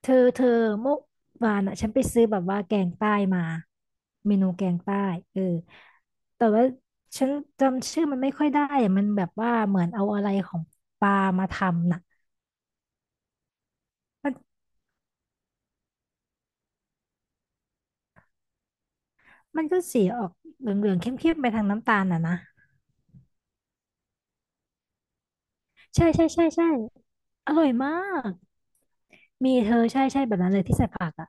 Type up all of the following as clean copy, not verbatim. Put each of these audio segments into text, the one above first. เธอเมื่อวานอ่ะฉันไปซื้อแบบว่าแกงใต้มาเมนูแกงใต้เออแต่ว่าฉันจำชื่อมันไม่ค่อยได้อะมันแบบว่าเหมือนเอาอะไรของปลามาทำน่ะมันก็สีออกเหลืองๆเข้มๆไปทางน้ำตาลน่ะนะใช่ใช่ใช่ใช่อร่อยมากมีเธอใช่ใช่แบบนั้นเลยที่ใส่ผักอ่ะ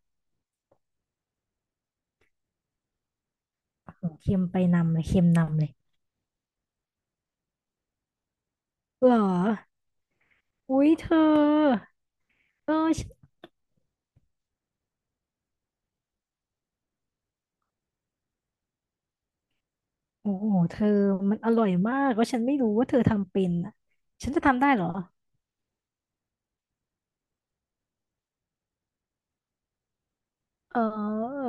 โอ้โหเค็มไปนำเลยเค็มนำเลยเหรออุ้ยเธอเออ โอ้โหเธอมันอร่อยมากแล้วฉันไม่รู้ว่าเธอทำเป็นอ่ะฉันจะทำได้เหรอเออ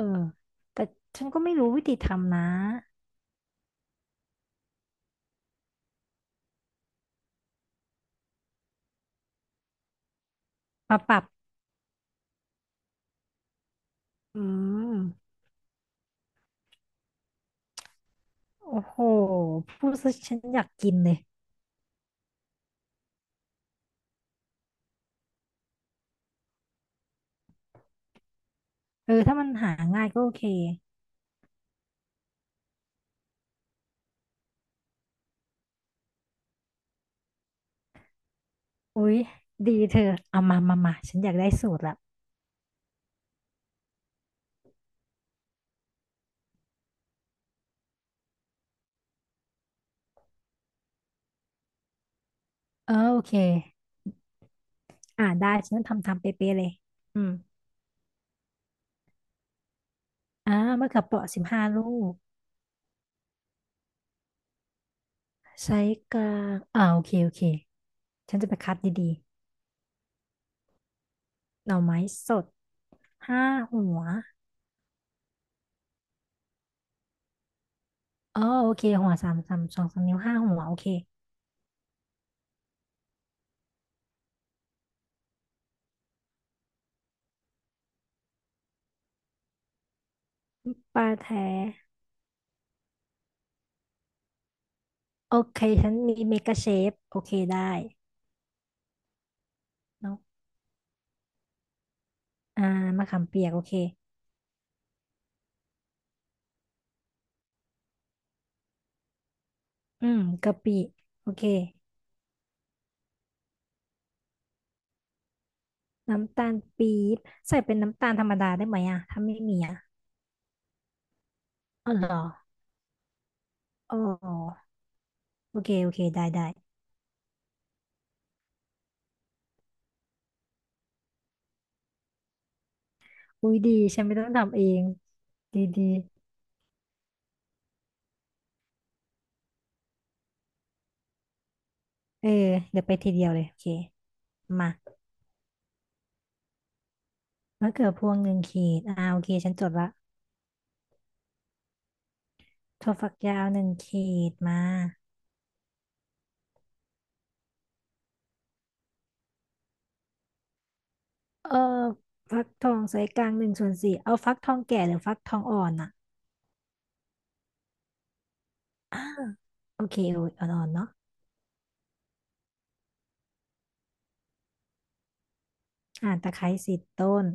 แต่ฉันก็ไม่รู้วิธีทำนะมาปรับอืมโอ้โหพูดซะฉันอยากกินเลยเออถ้ามันหาง่ายก็โอเคอุ๊ยดีเธอเอามามามาฉันอยากได้สูตรละเออโอเคได้ฉันทำทำเป๊ะๆเลยอืมอ่ามะเขือเปราะ15 ลูก ใช้กลางโอเคโอเคฉันจะไปคัดดีๆหน่อไม้สด ห้าหัวอ๋อโอเคหัวสองสามนิ้วห้าหัวโอเคปลาแท้โอเคฉันมีเมกาเชฟโอเคได้เนาะอ่ามะขามเปียกโอเคอืมกะปิโอเคน้ำตาลปี๊บใส่เป็นน้ำตาลธรรมดาได้ไหมอ่ะถ้าไม่มีอ่ะอ๋อเหรออ๋อโอเคโอเคได้ได้อุ้ยดีฉันไม่ต้องทำเองดีดีเออเดี๋ยวไปทีเดียวเลยโอเคมามะเขือพวงหนึ่งขีดโอเคฉันจดละ ถั่วฝักยาวหนึ่งขีดมาเออฟักทองไซส์กลาง1/4เอาฟักทองแก่หรือฟักทองอ่อนอ่ะโอเคเอาอ่อนๆเนาะอ่าตะไคร้10 ต้น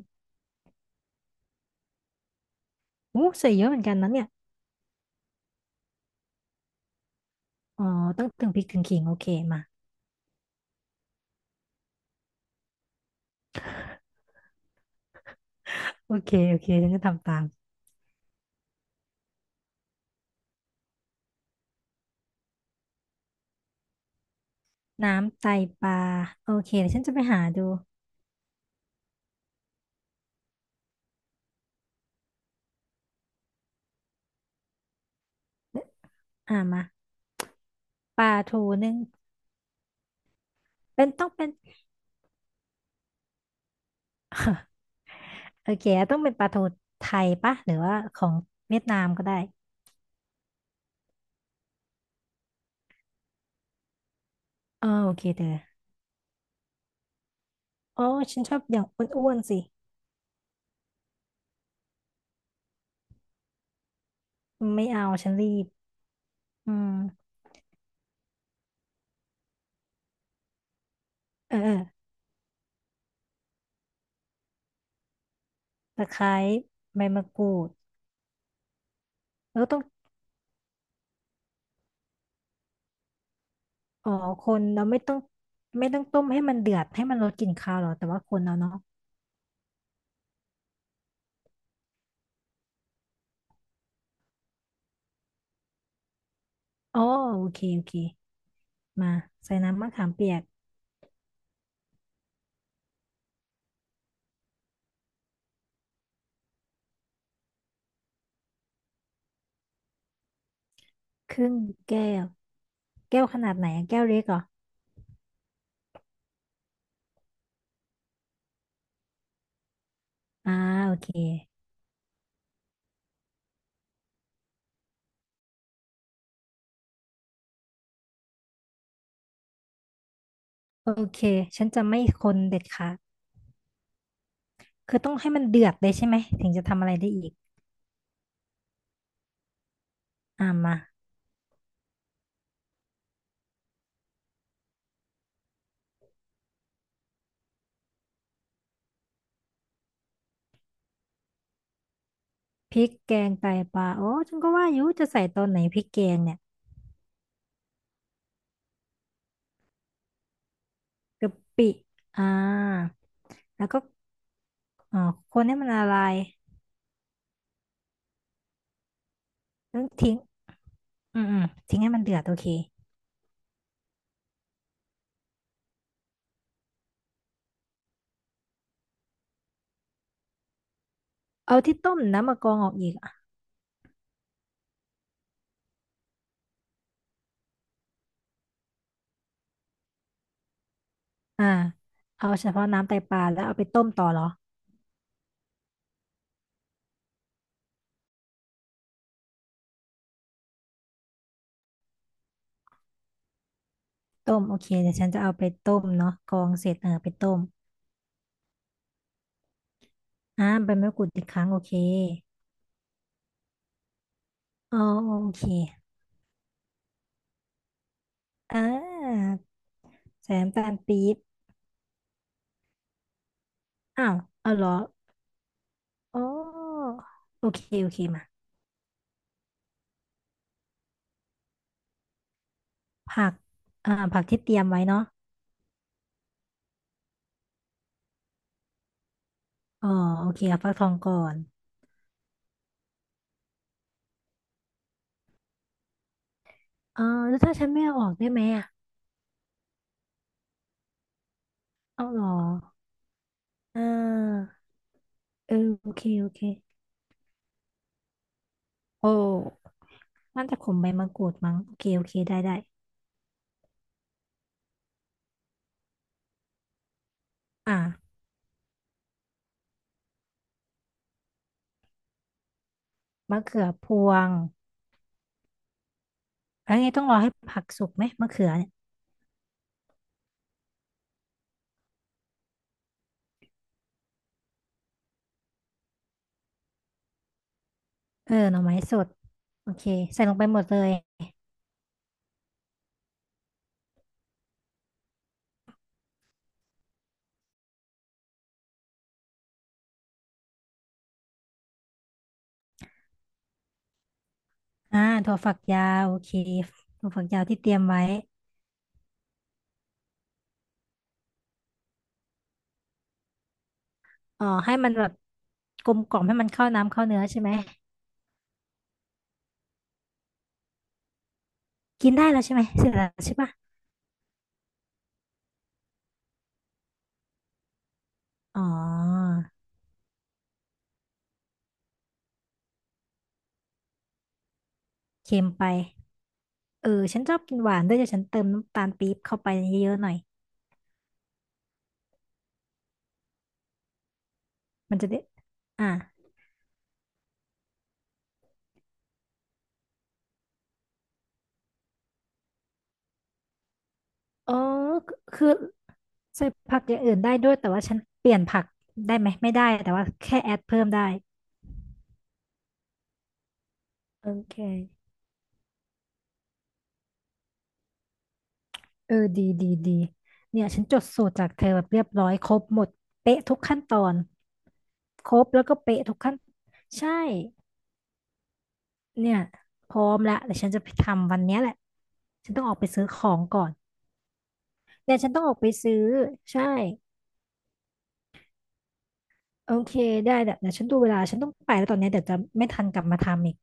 โอ้ใส่เยอะเหมือนกันนะเนี่ยอ๋อต้องถึงพริกถึงขิงโอเคมาโอเคโอเคฉันจะทำตามน้ำไตปลาโอเคเดี๋ยวฉันจะไปหาดูอ่ามาปลาทูนึ่งเป็นต้องเป็นโอเคต้องเป็นปลาทูไทยปะหรือว่าของเวียดนามก็ได้เออโอเคเธออ๋อฉันชอบอย่างอ้วนๆสิ ไม่เอาฉันรีบอืมเออเออตะไคร้ใบมะกรูดแล้วต้องอ๋อคนเราไม่ต้องไม่ต้องต้มให้มันเดือดให้มันลดกลิ่นคาวหรอ แต่ว่าคนเราเนาะอ๋อโอเคโอเคมาใส่น้ำมะขามเปียกครึ่งแก้วแก้วขนาดไหนอะแก้วเล็กเหรอ อ่าโอเคโอเคฉันจะไม่คนเด็ดขาดคือต้องให้มันเดือดเลยใช่ไหมถึงจะทำอะไรได้อีก อ่ามาพริกแกงไตปลาโอ้ฉันก็ว่าอยู่จะใส่ตอนไหนพริกแกงเนี่ย กะปิอ่าแล้วก็เอ่อคนให้มันละลายแล้วทิ้งอืมอืมทิ้งให้มันเดือดโอเคเอาที่ต้มน้ำมะกรองออกอีกอ่ะอ่าเอาเฉพาะน้ำไตปลาแล้วเอาไปต้มต่อเหรอต้มโอเคเดี๋ยวฉันจะเอาไปต้มเนาะกรองเสร็จเออไปต้มอ่าใบมะกรูดอีกครั้งโอเคอ๋อโอเคอ่าใส่น้ำตาลปี๊บอ้าวเอาเหรออ๋อโอเคโอเคมาผักอ่าผักที่เตรียมไว้เนาะอ๋อโอเคเอาฟักทองก่อน อ๋อแล้วถ้าฉันไม่เอาออกได้ไหมอ่ะเอาเหรออ่าเออโอเคโอเคโอ้น่าจะขมใบมะกรูดมั้งโอเคโอเคได้ได้อ่ามะเขือพวงแล้วไงต้องรอให้ผักสุกไหมมะเขือเนี่ยเออหน่อไม้สดโอเคใส่ลงไปหมดเลยอ่าถั่วฝักยาวโอเคถั่วฝักยาวที่เตรียมไว้อ๋อให้มันแบบกลมกล่อมให้มันเข้าน้ำเข้าเนื้อใช่ไหมกินได้แล้วใช่ไหมเสร็จแล้วใช่ปะอ๋อเค็มไป เออฉันชอบกินหวานด้วยเดี๋ยวฉันเติมน้ำตาลปี๊บเข้าไปเยอะๆหน่อยมันจะได้อ่ะอ๋อคือคือใส่ผักอย่างอื่นได้ด้วยแต่ว่าฉันเปลี่ยนผักได้ไหมไม่ได้แต่ว่าแค่แอดเพิ่มได้โอเคเออดีดีดีเนี่ยฉันจดสูตรจากเธอแบบเรียบร้อยครบหมดเป๊ะทุกขั้นตอนครบแล้วก็เป๊ะทุกขั้นใช่เนี่ยพร้อมละแต่ฉันจะไปทำวันเนี้ยแหละฉันต้องออกไปซื้อของก่อนแต่ฉันต้องออกไปซื้อใช่ โอเคได้แต่เดี๋ยวฉันดูเวลาฉันต้องไปแล้วตอนเนี้ยเดี๋ยวจะไม่ทันกลับมาทำอีก